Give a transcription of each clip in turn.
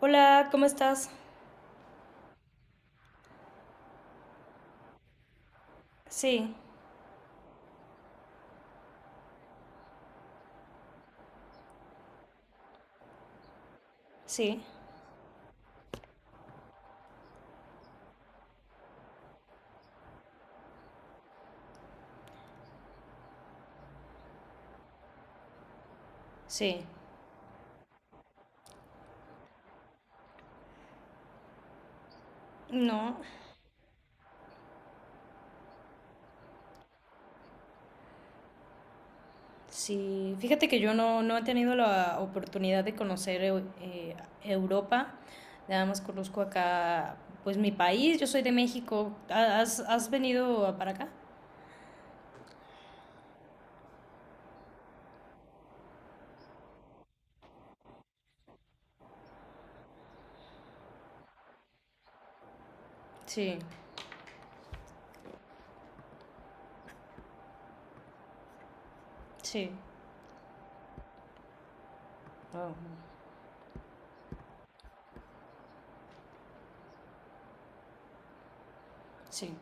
Hola, ¿cómo estás? Sí, sí, sí. No, sí. Fíjate que yo no, no he tenido la oportunidad de conocer Europa. Nada más conozco acá, pues mi país. Yo soy de México. ¿Has venido para acá? Sí, sí. Oh, sí.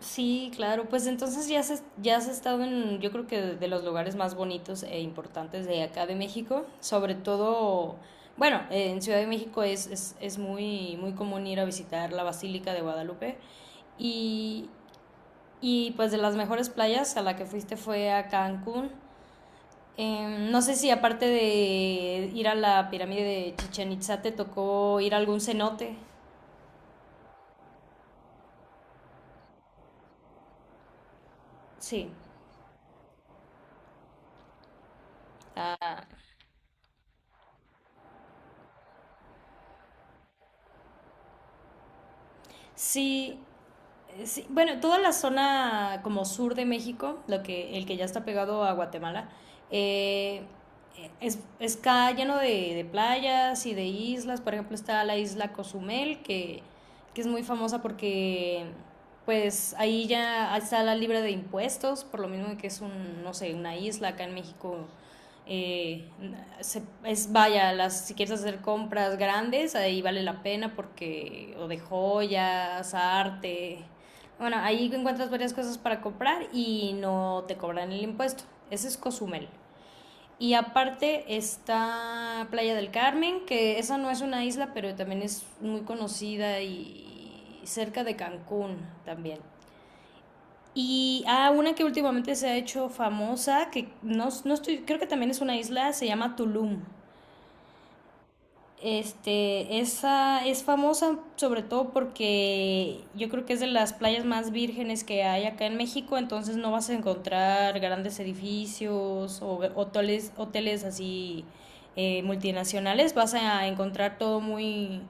Sí, claro, pues entonces ya has estado en, yo creo que de los lugares más bonitos e importantes de acá de México, sobre todo, bueno, en Ciudad de México es muy, muy común ir a visitar la Basílica de Guadalupe, y, y pues de las mejores playas a la que fuiste fue a Cancún. No sé si aparte de ir a la pirámide de Chichen Itzá te tocó ir a algún cenote. Sí, sí, sí, bueno, toda la zona como sur de México, lo que, el que ya está pegado a Guatemala, eh, está lleno de playas y de islas. Por ejemplo, está la isla Cozumel, que es muy famosa porque pues ahí ya está la libre de impuestos, por lo mismo que es un, no sé, una isla acá en México, eh, es vaya, las, si quieres hacer compras grandes, ahí vale la pena porque, o de joyas, arte. Bueno, ahí encuentras varias cosas para comprar y no te cobran el impuesto. Ese es Cozumel. Y aparte está Playa del Carmen, que esa no es una isla, pero también es muy conocida y cerca de Cancún también. Y una que últimamente se ha hecho famosa, que no, estoy, creo que también es una isla, se llama Tulum. Este, esa es famosa sobre todo porque yo creo que es de las playas más vírgenes que hay acá en México, entonces no vas a encontrar grandes edificios o hoteles así, multinacionales, vas a encontrar todo muy,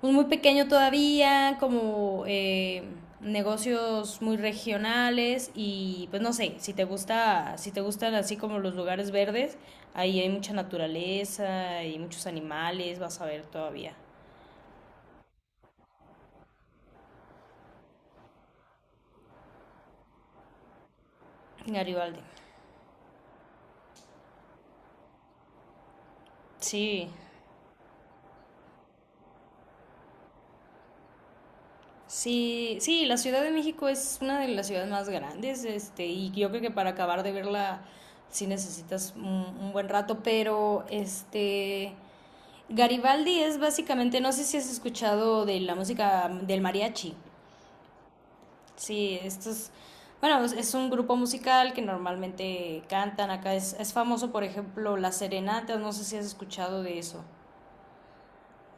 pues, muy pequeño todavía, como negocios muy regionales y pues no sé, si te gusta, si te gustan así como los lugares verdes, ahí hay mucha naturaleza y muchos animales, vas a ver todavía. Garibaldi. Sí. Sí, sí, la Ciudad de México es una de las ciudades más grandes, este, y yo creo que para acabar de verla sí necesitas un buen rato, pero este Garibaldi es básicamente, no sé si has escuchado de la música del mariachi. Sí, esto es, bueno, es un grupo musical que normalmente cantan acá. Es famoso, por ejemplo, las serenatas, no sé si has escuchado de eso.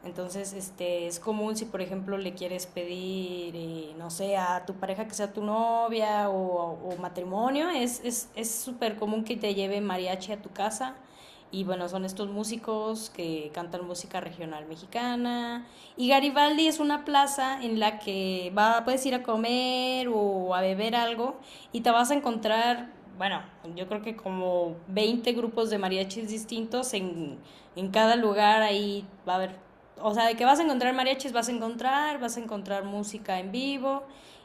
Entonces, este, es común si, por ejemplo, le quieres pedir, no sé, a tu pareja que sea tu novia o matrimonio, es súper común que te lleve mariachi a tu casa. Y bueno, son estos músicos que cantan música regional mexicana. Y Garibaldi es una plaza en la que va, puedes ir a comer o a beber algo y te vas a encontrar, bueno, yo creo que como 20 grupos de mariachis distintos en, cada lugar. Ahí va a haber, o sea, de que vas a encontrar mariachis, vas a encontrar música en vivo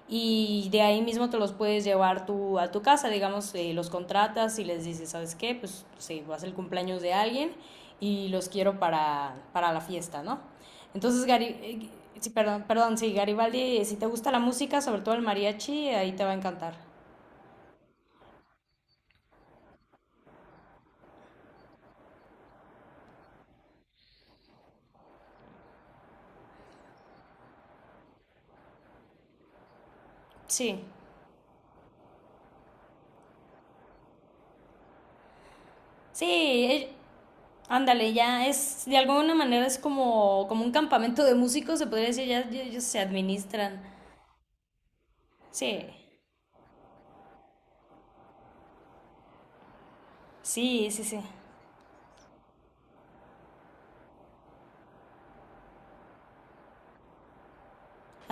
y de ahí mismo te los puedes llevar tú a tu casa, digamos, los contratas y les dices, ¿sabes qué? Pues sí, va a ser el cumpleaños de alguien y los quiero para la fiesta, ¿no? Entonces, Garibaldi, sí, perdón, perdón, sí, Garibaldi, si te gusta la música, sobre todo el mariachi, ahí te va a encantar. Sí, sí. Ándale, ya es, de alguna manera es como, un campamento de músicos, se podría decir, ya ellos se administran. Sí, sí, sí, sí.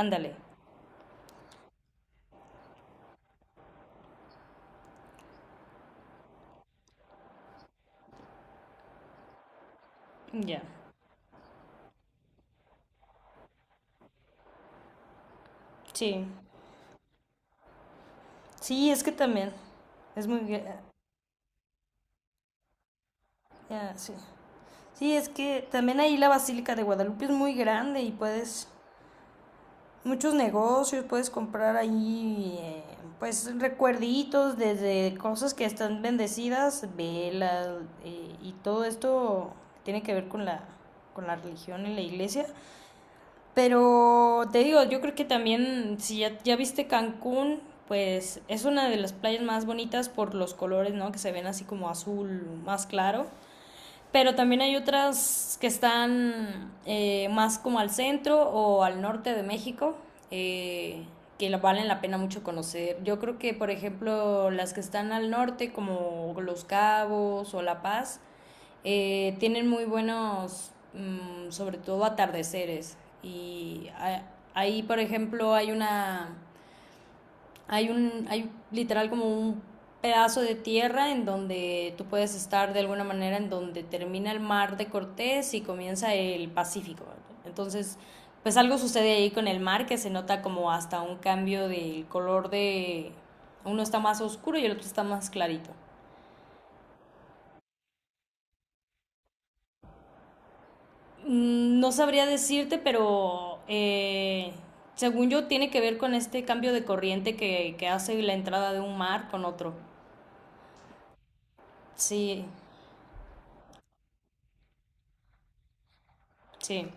Ándale, ya. Sí, sí, es que también. Es muy... gra- Ya, sí. Sí, es que también ahí la Basílica de Guadalupe es muy grande y puedes muchos negocios, puedes comprar ahí, pues recuerditos desde cosas que están bendecidas, velas, y todo esto tiene que ver con la religión y la iglesia, pero te digo, yo creo que también si ya viste Cancún, pues es una de las playas más bonitas por los colores, ¿no? Que se ven así como azul más claro. Pero también hay otras que están, más como al centro o al norte de México, eh, que valen la pena mucho conocer. Yo creo que, por ejemplo, las que están al norte, como Los Cabos o La Paz, tienen muy buenos, sobre todo atardeceres. Y a- Ahí, por ejemplo, hay literal como un pedazo de tierra en donde tú puedes estar de alguna manera en donde termina el Mar de Cortés y comienza el Pacífico, ¿verdad? Entonces, pues algo sucede ahí con el mar que se nota como hasta un cambio del color, de uno está más oscuro y el otro está más clarito. No sabría decirte, pero según yo tiene que ver con este cambio de corriente que, hace la entrada de un mar con otro. Sí, sí.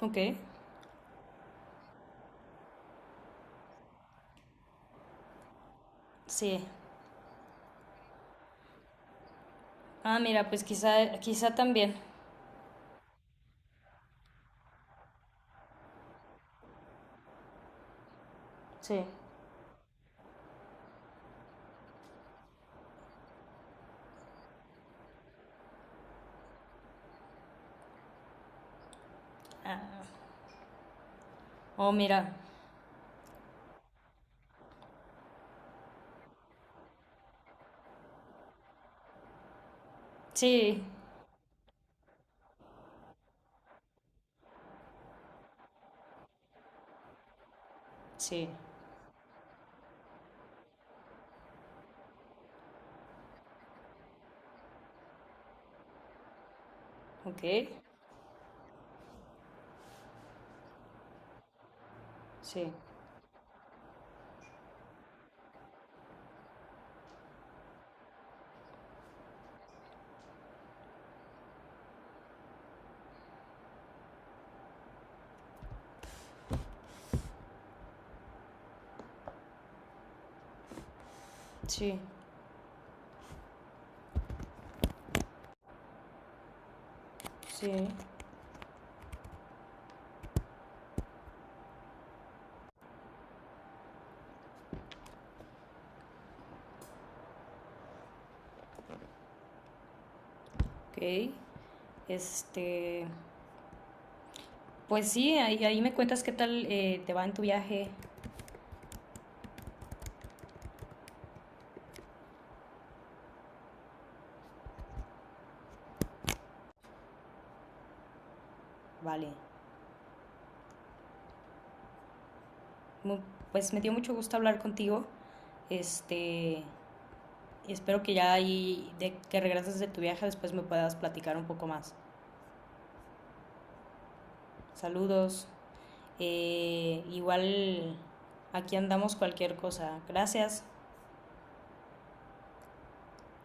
Ok. Sí. Ah, mira, pues quizá, quizá también. Sí. Ah, oh, mira. Sí. Sí. Ok. Sí. Sí. Sí. Ok. Este. Pues sí, ahí me cuentas qué tal, te va en tu viaje. Vale. Mu- Pues me dio mucho gusto hablar contigo. Este. Espero que ya ahí, de que regreses de tu viaje, después me puedas platicar un poco más. Saludos. Igual aquí andamos cualquier cosa. Gracias.